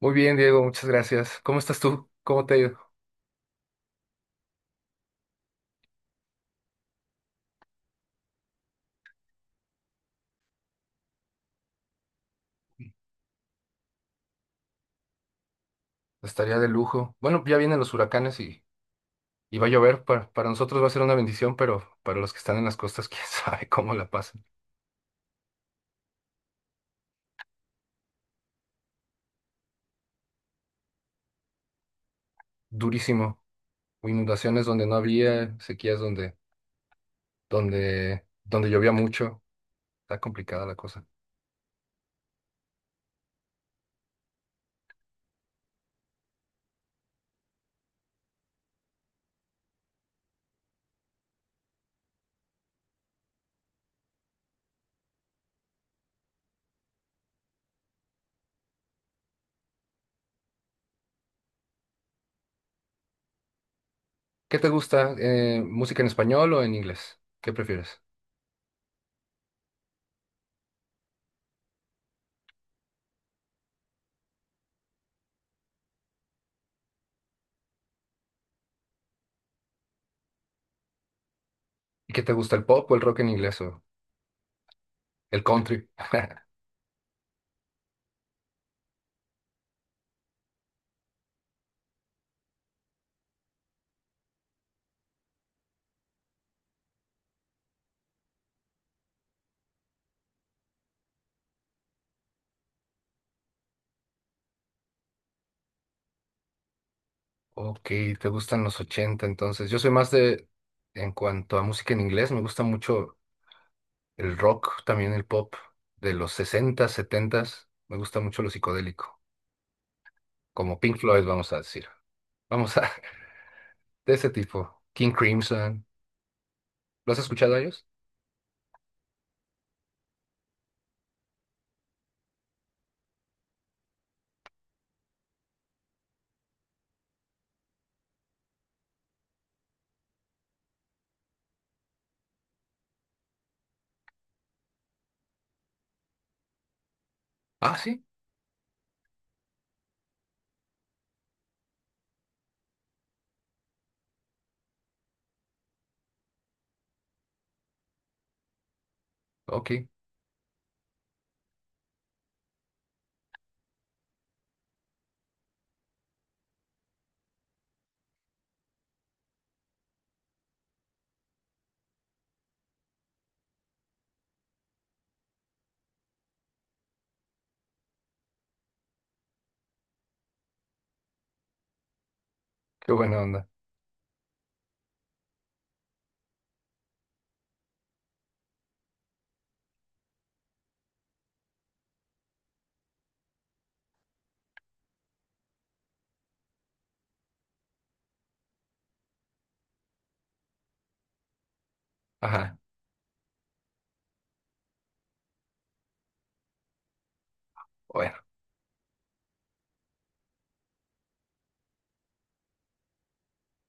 Muy bien, Diego, muchas gracias. ¿Cómo estás tú? ¿Cómo te ha ido? Estaría de lujo. Bueno, ya vienen los huracanes y va a llover. Para nosotros va a ser una bendición, pero para los que están en las costas, quién sabe cómo la pasan. Durísimo. Inundaciones donde no había, sequías donde llovía mucho. Está complicada la cosa. ¿Qué te gusta? ¿Música en español o en inglés? ¿Qué prefieres? ¿Y qué te gusta, el pop o el rock en inglés o el country? Ok, te gustan los 80, entonces. Yo soy más de, en cuanto a música en inglés, me gusta mucho el rock, también el pop de los 60, 70. Me gusta mucho lo psicodélico, como Pink Floyd, vamos a decir. Vamos a, de ese tipo. King Crimson. ¿Lo has escuchado a ellos? Ah, sí. Ok, qué buena onda. Ajá, bueno.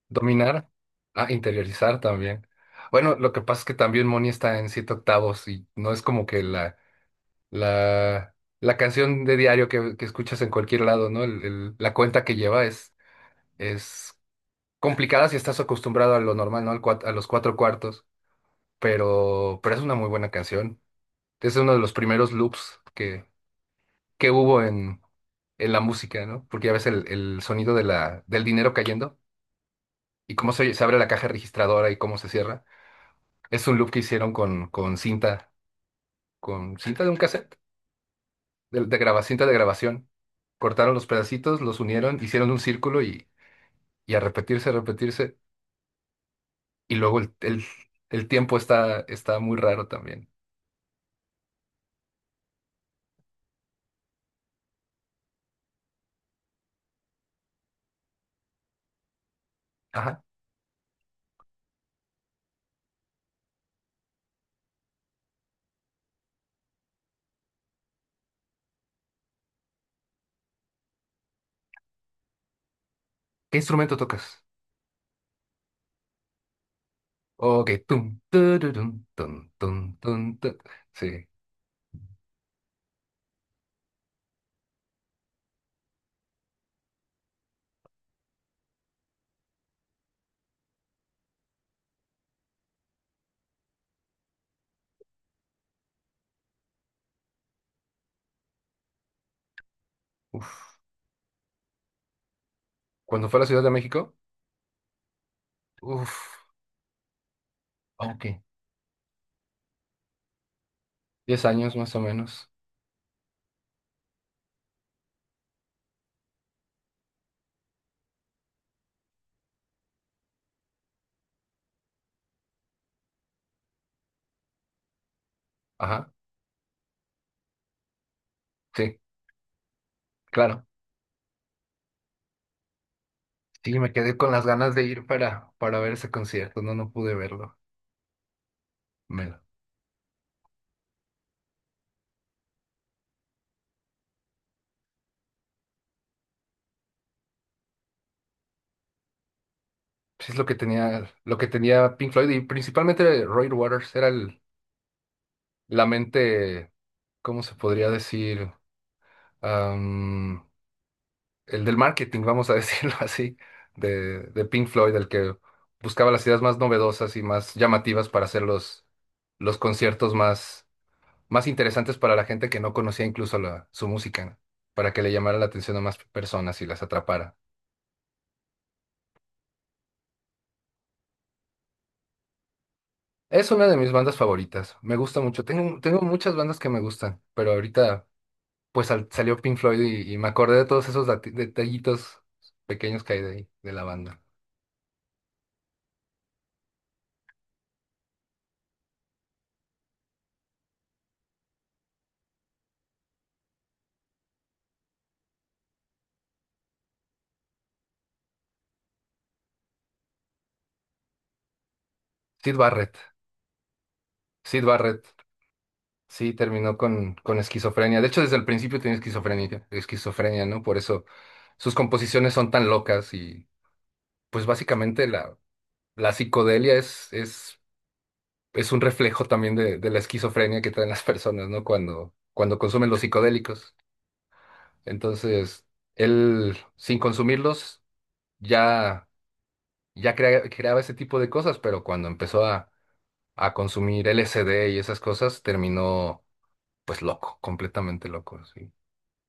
Dominar. Ah, interiorizar también. Bueno, lo que pasa es que también Moni está en siete octavos y no es como que la canción de diario que escuchas en cualquier lado, ¿no? La cuenta que lleva es complicada si estás acostumbrado a lo normal, ¿no? A los cuatro cuartos, pero es una muy buena canción. Es uno de los primeros loops que hubo en la música, ¿no? Porque ya ves el sonido de la, del dinero cayendo y cómo se abre la caja registradora y cómo se cierra. Es un loop que hicieron con cinta, con cinta de un cassette. De graba- cinta de grabación. Cortaron los pedacitos, los unieron, hicieron un círculo y a repetirse, a repetirse. Y luego el tiempo está muy raro también. Ajá. ¿Qué instrumento tocas? Ok, tum, tururum, tum, tum, tum, tu- Sí. Uf. Cuando fue a la Ciudad de México, uf, ok, 10 años más o menos. Ajá. Sí, claro. Sí, me quedé con las ganas de ir para ver ese concierto. No, no pude verlo. Me pues es lo que tenía Pink Floyd y principalmente Roy Waters era la mente, ¿cómo se podría decir? Am, el del marketing, vamos a decirlo así, de Pink Floyd, el que buscaba las ideas más novedosas y más llamativas para hacer los conciertos más interesantes para la gente que no conocía incluso la, su música, ¿no? Para que le llamara la atención a más personas y las atrapara. Es una de mis bandas favoritas, me gusta mucho. Tengo, tengo muchas bandas que me gustan, pero ahorita... pues sal- salió Pink Floyd y me acordé de todos esos dati- detallitos pequeños que hay de, ahí de la banda. Sid Barrett, Sid Barrett, sí, terminó con esquizofrenia. De hecho, desde el principio tenía esquizofrenia, esquizofrenia, ¿no? Por eso sus composiciones son tan locas y pues básicamente la psicodelia es un reflejo también de la esquizofrenia que traen las personas, ¿no? Cuando consumen los psicodélicos. Entonces, él, sin consumirlos, ya... ya crea- creaba ese tipo de cosas, pero cuando empezó a consumir LSD y esas cosas, terminó pues loco, completamente loco, sí.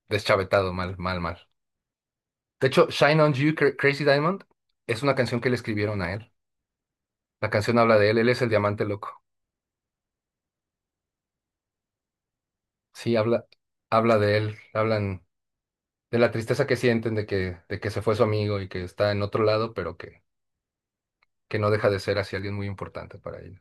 Deschavetado, mal, mal, mal. De hecho, Shine on You, Cra- Crazy Diamond, es una canción que le escribieron a él. La canción habla de él, él es el diamante loco. Sí, habla, habla de él, hablan de la tristeza que sienten de que se fue su amigo y que está en otro lado, pero que no deja de ser así alguien muy importante para ellos.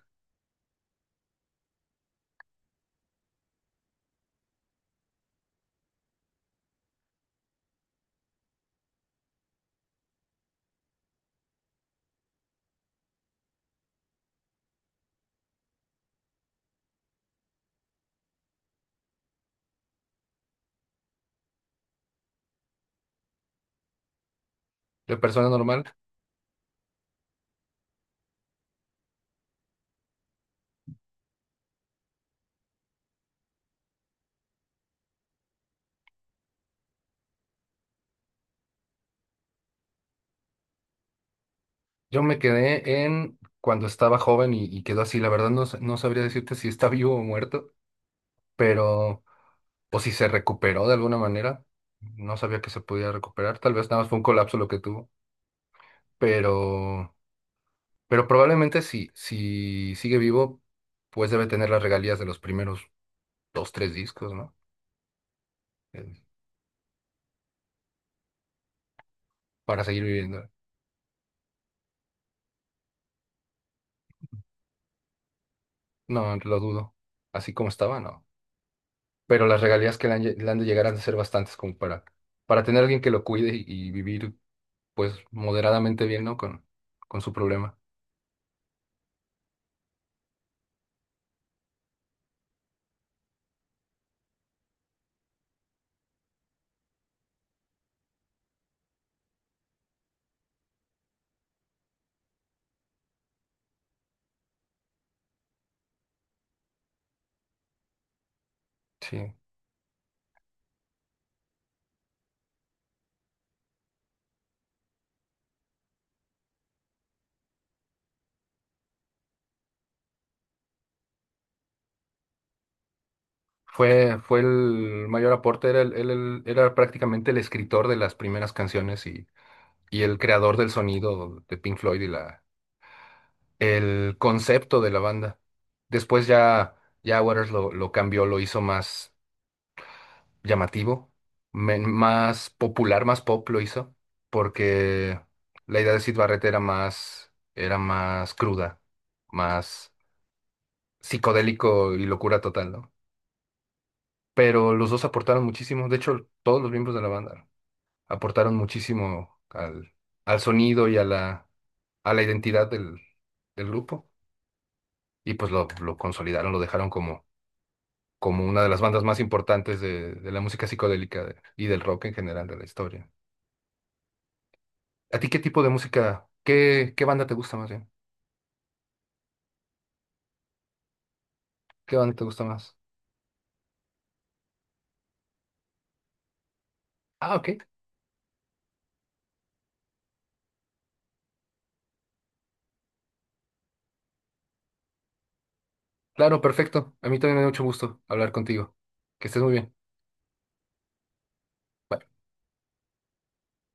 De persona normal. Yo me quedé en cuando estaba joven y quedó así. La verdad no, sa- no sabría decirte si está vivo o muerto, pero o si se recuperó de alguna manera. No sabía que se podía recuperar. Tal vez nada más fue un colapso lo que tuvo, pero pero probablemente si si sigue vivo, pues debe tener las regalías de los primeros dos, tres discos, ¿no? Eh, para seguir viviendo. No, lo dudo. Así como estaba, no. Pero las regalías que le han, lle- le han de llegar han de ser bastantes como para tener alguien que lo cuide y vivir pues moderadamente bien, ¿no? Con su problema. Sí. Fue el mayor aporte, era, él era prácticamente el escritor de las primeras canciones y el creador del sonido de Pink Floyd y el concepto de la banda. Después ya, ya Waters lo cambió, lo hizo más llamativo, men- más popular, más pop lo hizo, porque la idea de Syd Barrett era más cruda, más psicodélico y locura total, ¿no? Pero los dos aportaron muchísimo. De hecho, todos los miembros de la banda aportaron muchísimo al sonido y a a la identidad del grupo. Y pues lo consolidaron, lo dejaron como, como una de las bandas más importantes de la música psicodélica de- y del rock en general de la historia. ¿A ti qué tipo de música, qué, qué banda te gusta más bien? ¿Qué banda te gusta más? Ah, ok. Claro, perfecto. A mí también me da mucho gusto hablar contigo. Que estés muy bien.